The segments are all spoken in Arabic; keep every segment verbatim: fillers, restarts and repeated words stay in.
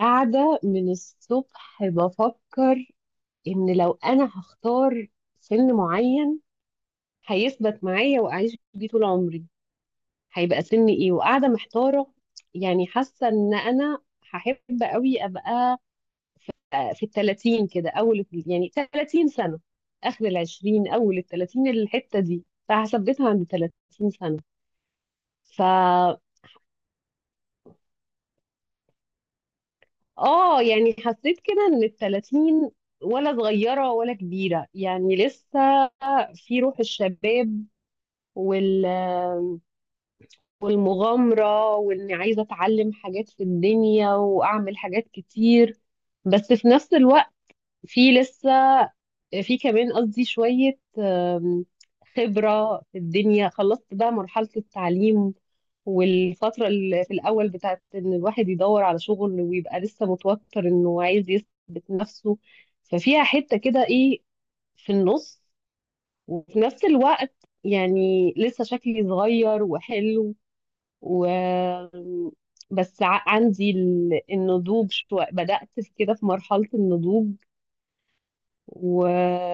قاعدة من الصبح بفكر إن لو أنا هختار سن معين هيثبت معايا وأعيش بيه طول عمري، هيبقى سن إيه؟ وقاعدة محتارة، يعني حاسة إن أنا هحب قوي أبقى، آه، في التلاتين كده، أول يعني تلاتين سنة، آخر العشرين أول التلاتين الحتة دي، فهثبتها عند تلاتين سنة. اه، يعني حسيت كده ان التلاتين ولا صغيرة ولا كبيرة، يعني لسه في روح الشباب وال والمغامرة، واني عايزة اتعلم حاجات في الدنيا واعمل حاجات كتير. بس في نفس الوقت، في لسه، في كمان قصدي شوية خبرة في الدنيا، خلصت بقى مرحلة التعليم والفترة اللي في الأول بتاعت إن الواحد يدور على شغل ويبقى لسه متوتر إنه عايز يثبت نفسه، ففيها حتة كده إيه، في النص. وفي نفس الوقت يعني لسه شكلي صغير وحلو، و بس ع- عندي ال- النضوج شوية، بدأت في كده في مرحلة النضوج. و...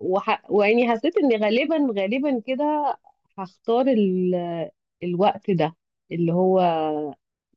وح... ويعني حسيت ان غالبا غالبا كده هختار ال... الوقت ده، اللي هو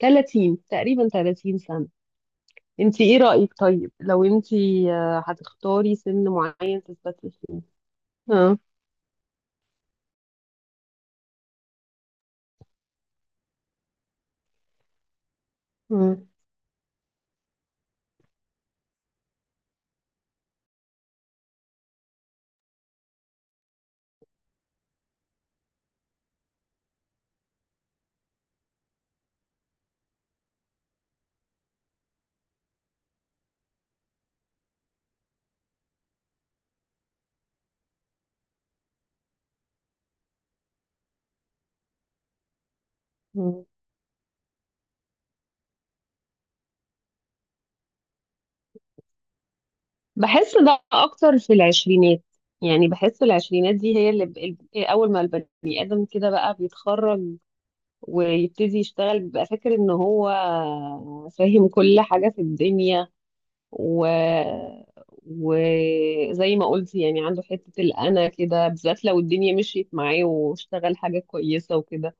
ثلاثين تقريبا، ثلاثين سنة. انت ايه رأيك طيب، لو انت آه، هتختاري سن معين تثبتي فيه؟ اه. مم. مم. بحس ده اكتر في العشرينات، يعني بحس العشرينات دي هي اللي ب... ال- اول ما البني ادم كده بقى بيتخرج ويبتدي يشتغل، بيبقى فاكر ان هو فاهم كل حاجة في الدنيا. و... وزي ما قلت، يعني عنده حتة الأنا كده، بالذات لو الدنيا مشيت معاه واشتغل حاجة كويسة وكده.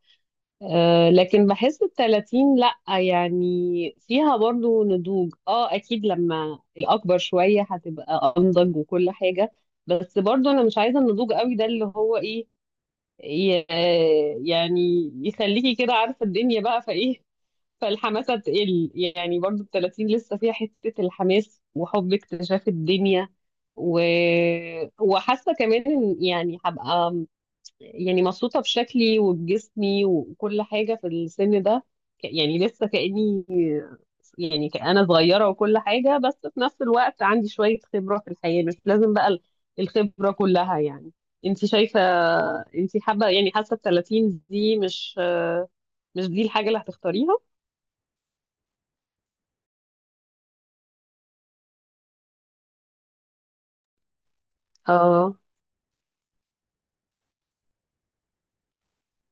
أه، لكن بحس التلاتين لأ، يعني فيها برضو نضوج. اه، أكيد لما الأكبر شوية هتبقى أنضج وكل حاجة، بس برضو أنا مش عايزة النضوج قوي ده، اللي هو إيه، ي- يعني يخليكي كده عارفة الدنيا بقى فايه، فالحماسة تقل. يعني برضو التلاتين لسه فيها حتة الحماس وحب اكتشاف الدنيا. و... وحاسة كمان إن يعني هبقى، يعني مبسوطة بشكلي وبجسمي وكل حاجة في السن ده. ك- يعني لسه كأني، يعني ك- انا صغيره وكل حاجه، بس في نفس الوقت عندي شويه خبره في الحياه، مش لازم بقى ال- الخبره كلها يعني. انت شايفه، انت حابه يعني، حاسه ال ثلاثين دي مش مش دي الحاجه اللي هتختاريها؟ اه.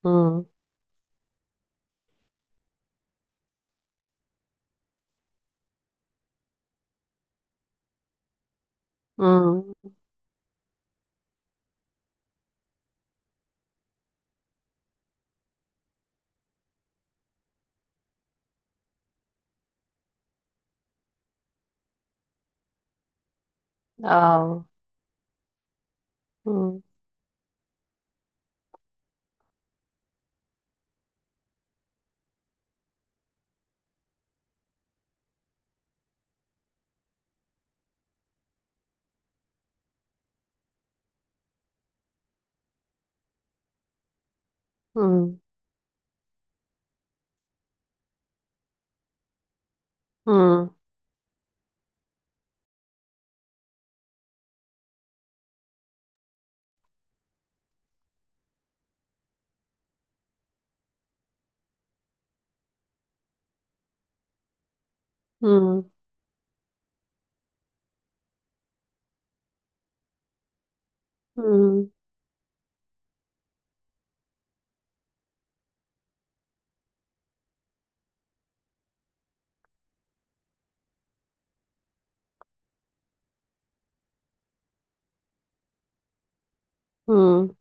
امم. امم. اه. امم. امم. امم. امم. امم. امم.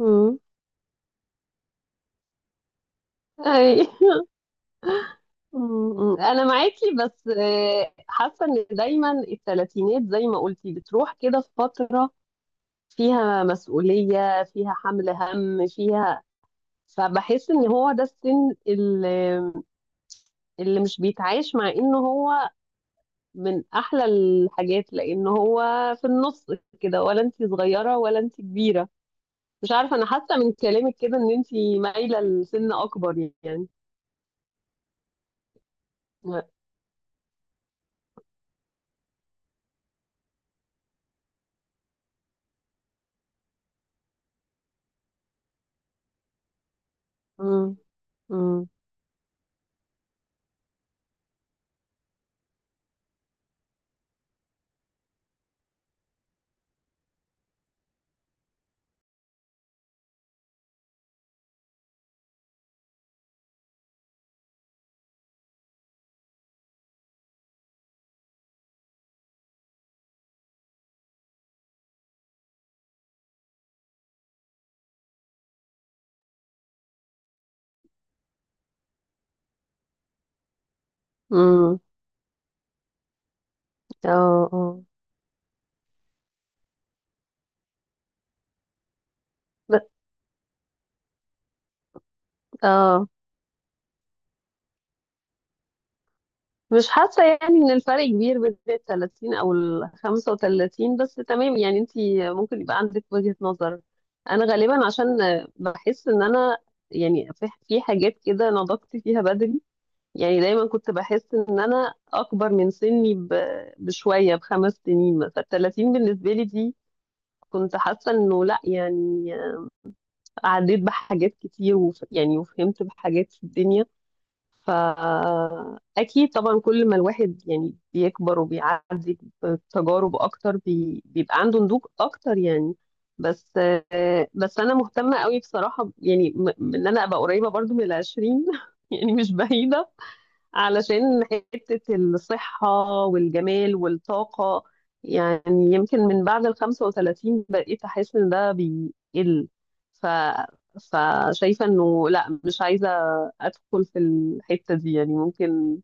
امم. اي. أمم، انا معاكي بس، آه، حاسه ان دايما الثلاثينات زي ما قلتي بتروح كده في فتره فيها مسؤولية، فيها حمل هم، فيها، فبحس ان هو ده السن اللي, اللي مش بيتعايش مع انه هو من احلى الحاجات، لان هو في النص كده، ولا انت صغيرة ولا انت كبيرة. مش عارفة، انا حاسة من كلامك كده ان انت مايلة لسن اكبر يعني. امم. امم. امم. اه. اه. ب- اه. مش حاسة يعني ان الفرق كبير بين ال ثلاثين او ال خمسة وثلاثين، بس تمام يعني، انت ممكن يبقى عندك وجهة نظر. انا غالبا عشان بحس ان انا يعني، في في حاجات كده نضجت فيها بدري. يعني دايما كنت بحس ان انا اكبر من سني ب- بشوية، بخمس سنين مثلا. ثلاثين بالنسبة لي دي كنت حاسة انه لا، يعني عديت بحاجات كتير، وف يعني وفهمت بحاجات في الدنيا. فأكيد طبعا كل ما الواحد يعني بيكبر وبيعدي بتجارب أكتر، بي... بيبقى عنده نضوج أكتر يعني. بس آه، بس أنا مهتمة قوي بصراحة يعني، م- إن أنا أبقى قريبة برضو من العشرين. يعني مش بعيدة، علشان حتة الصحة والجمال والطاقة. يعني يمكن من بعد ال خمسة وتلاتين بقيت أحس إن ده بيقل، ف... فشايفة إنه لأ، مش عايزة أدخل في الحتة دي. يعني ممكن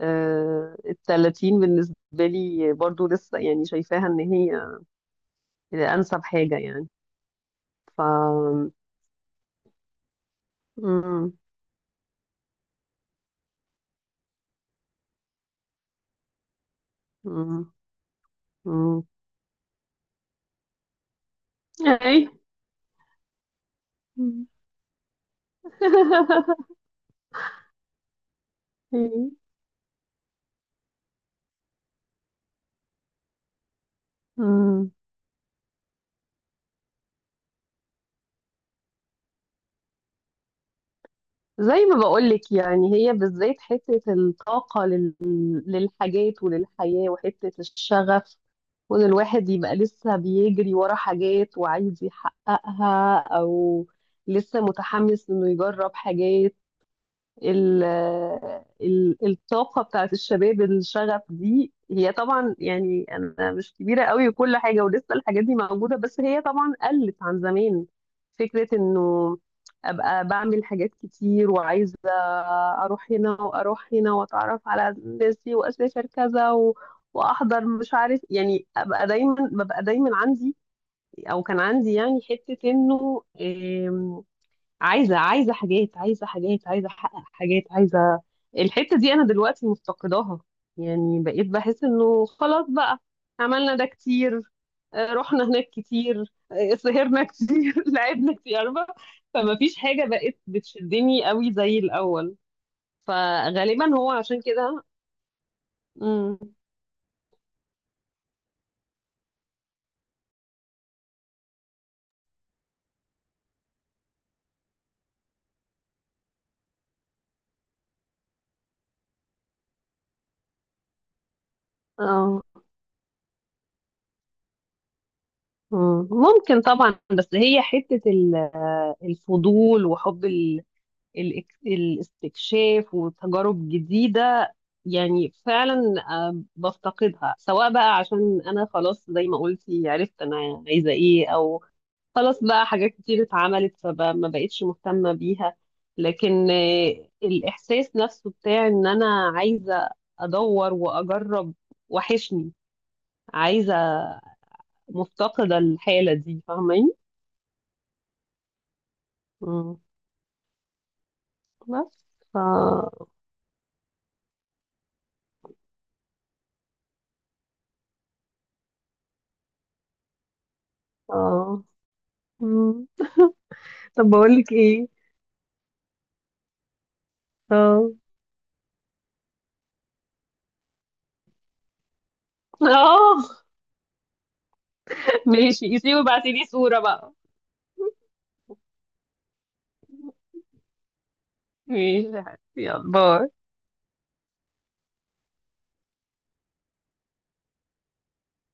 آه ال ثلاثين بالنسبة لي برضو لسه يعني شايفاها إن هي أنسب حاجة يعني. ف مم. مم. مم. أي. مم. زي ما بقولك، يعني هي بالذات حتة الطاقة لل... للحاجات وللحياة، وحتة الشغف، وإن الواحد يبقى لسه بيجري ورا حاجات وعايز يحققها، أو لسه متحمس إنه يجرب حاجات. ال ال الطاقة بتاعت الشباب، الشغف دي هي طبعا، يعني أنا مش كبيرة قوي وكل حاجة، ولسه الحاجات دي موجودة، بس هي طبعا قلت عن زمان. فكرة إنه أبقى بعمل حاجات كتير، وعايزة أروح هنا وأروح هنا وأتعرف على الناس دي وأسافر كذا، و... وأحضر مش عارف، يعني أبقى دايما، ببقى دايما عندي أو كان عندي يعني حتة إنه عايزه، عايزه حاجات، عايزه حاجات، عايزه احقق حاجات، عايزه. الحته دي انا دلوقتي مفتقداها، يعني بقيت بحس انه خلاص بقى، عملنا ده كتير، آه، رحنا هناك كتير، آه، سهرنا كتير، لعبنا كتير، عارفة؟ فما فيش حاجه بقت بتشدني قوي زي الاول، فغالبا هو عشان كده. مم. اه. مم. ممكن طبعا، بس هي حته ال- آه، الفضول، وحب ال- الاك- الاستكشاف وتجارب جديدة. يعني فعلا آه، بفتقدها، سواء بقى عشان أنا خلاص زي ما قلتي عرفت أنا عايزة إيه، أو خلاص بقى حاجات كتير اتعملت فما بقتش مهتمة بيها. لكن آه، الإحساس نفسه بتاع إن أنا عايزة أدور وأجرب، وحشني، عايزة، مفتقدة الحالة دي، فاهماني؟ مم. بس ف... آه. مم. طب بقول لك ايه. اه. اه. ماشي، سيبي ابعتيلي صورة بقى. ماشي يا حبيبتي، يلا باي.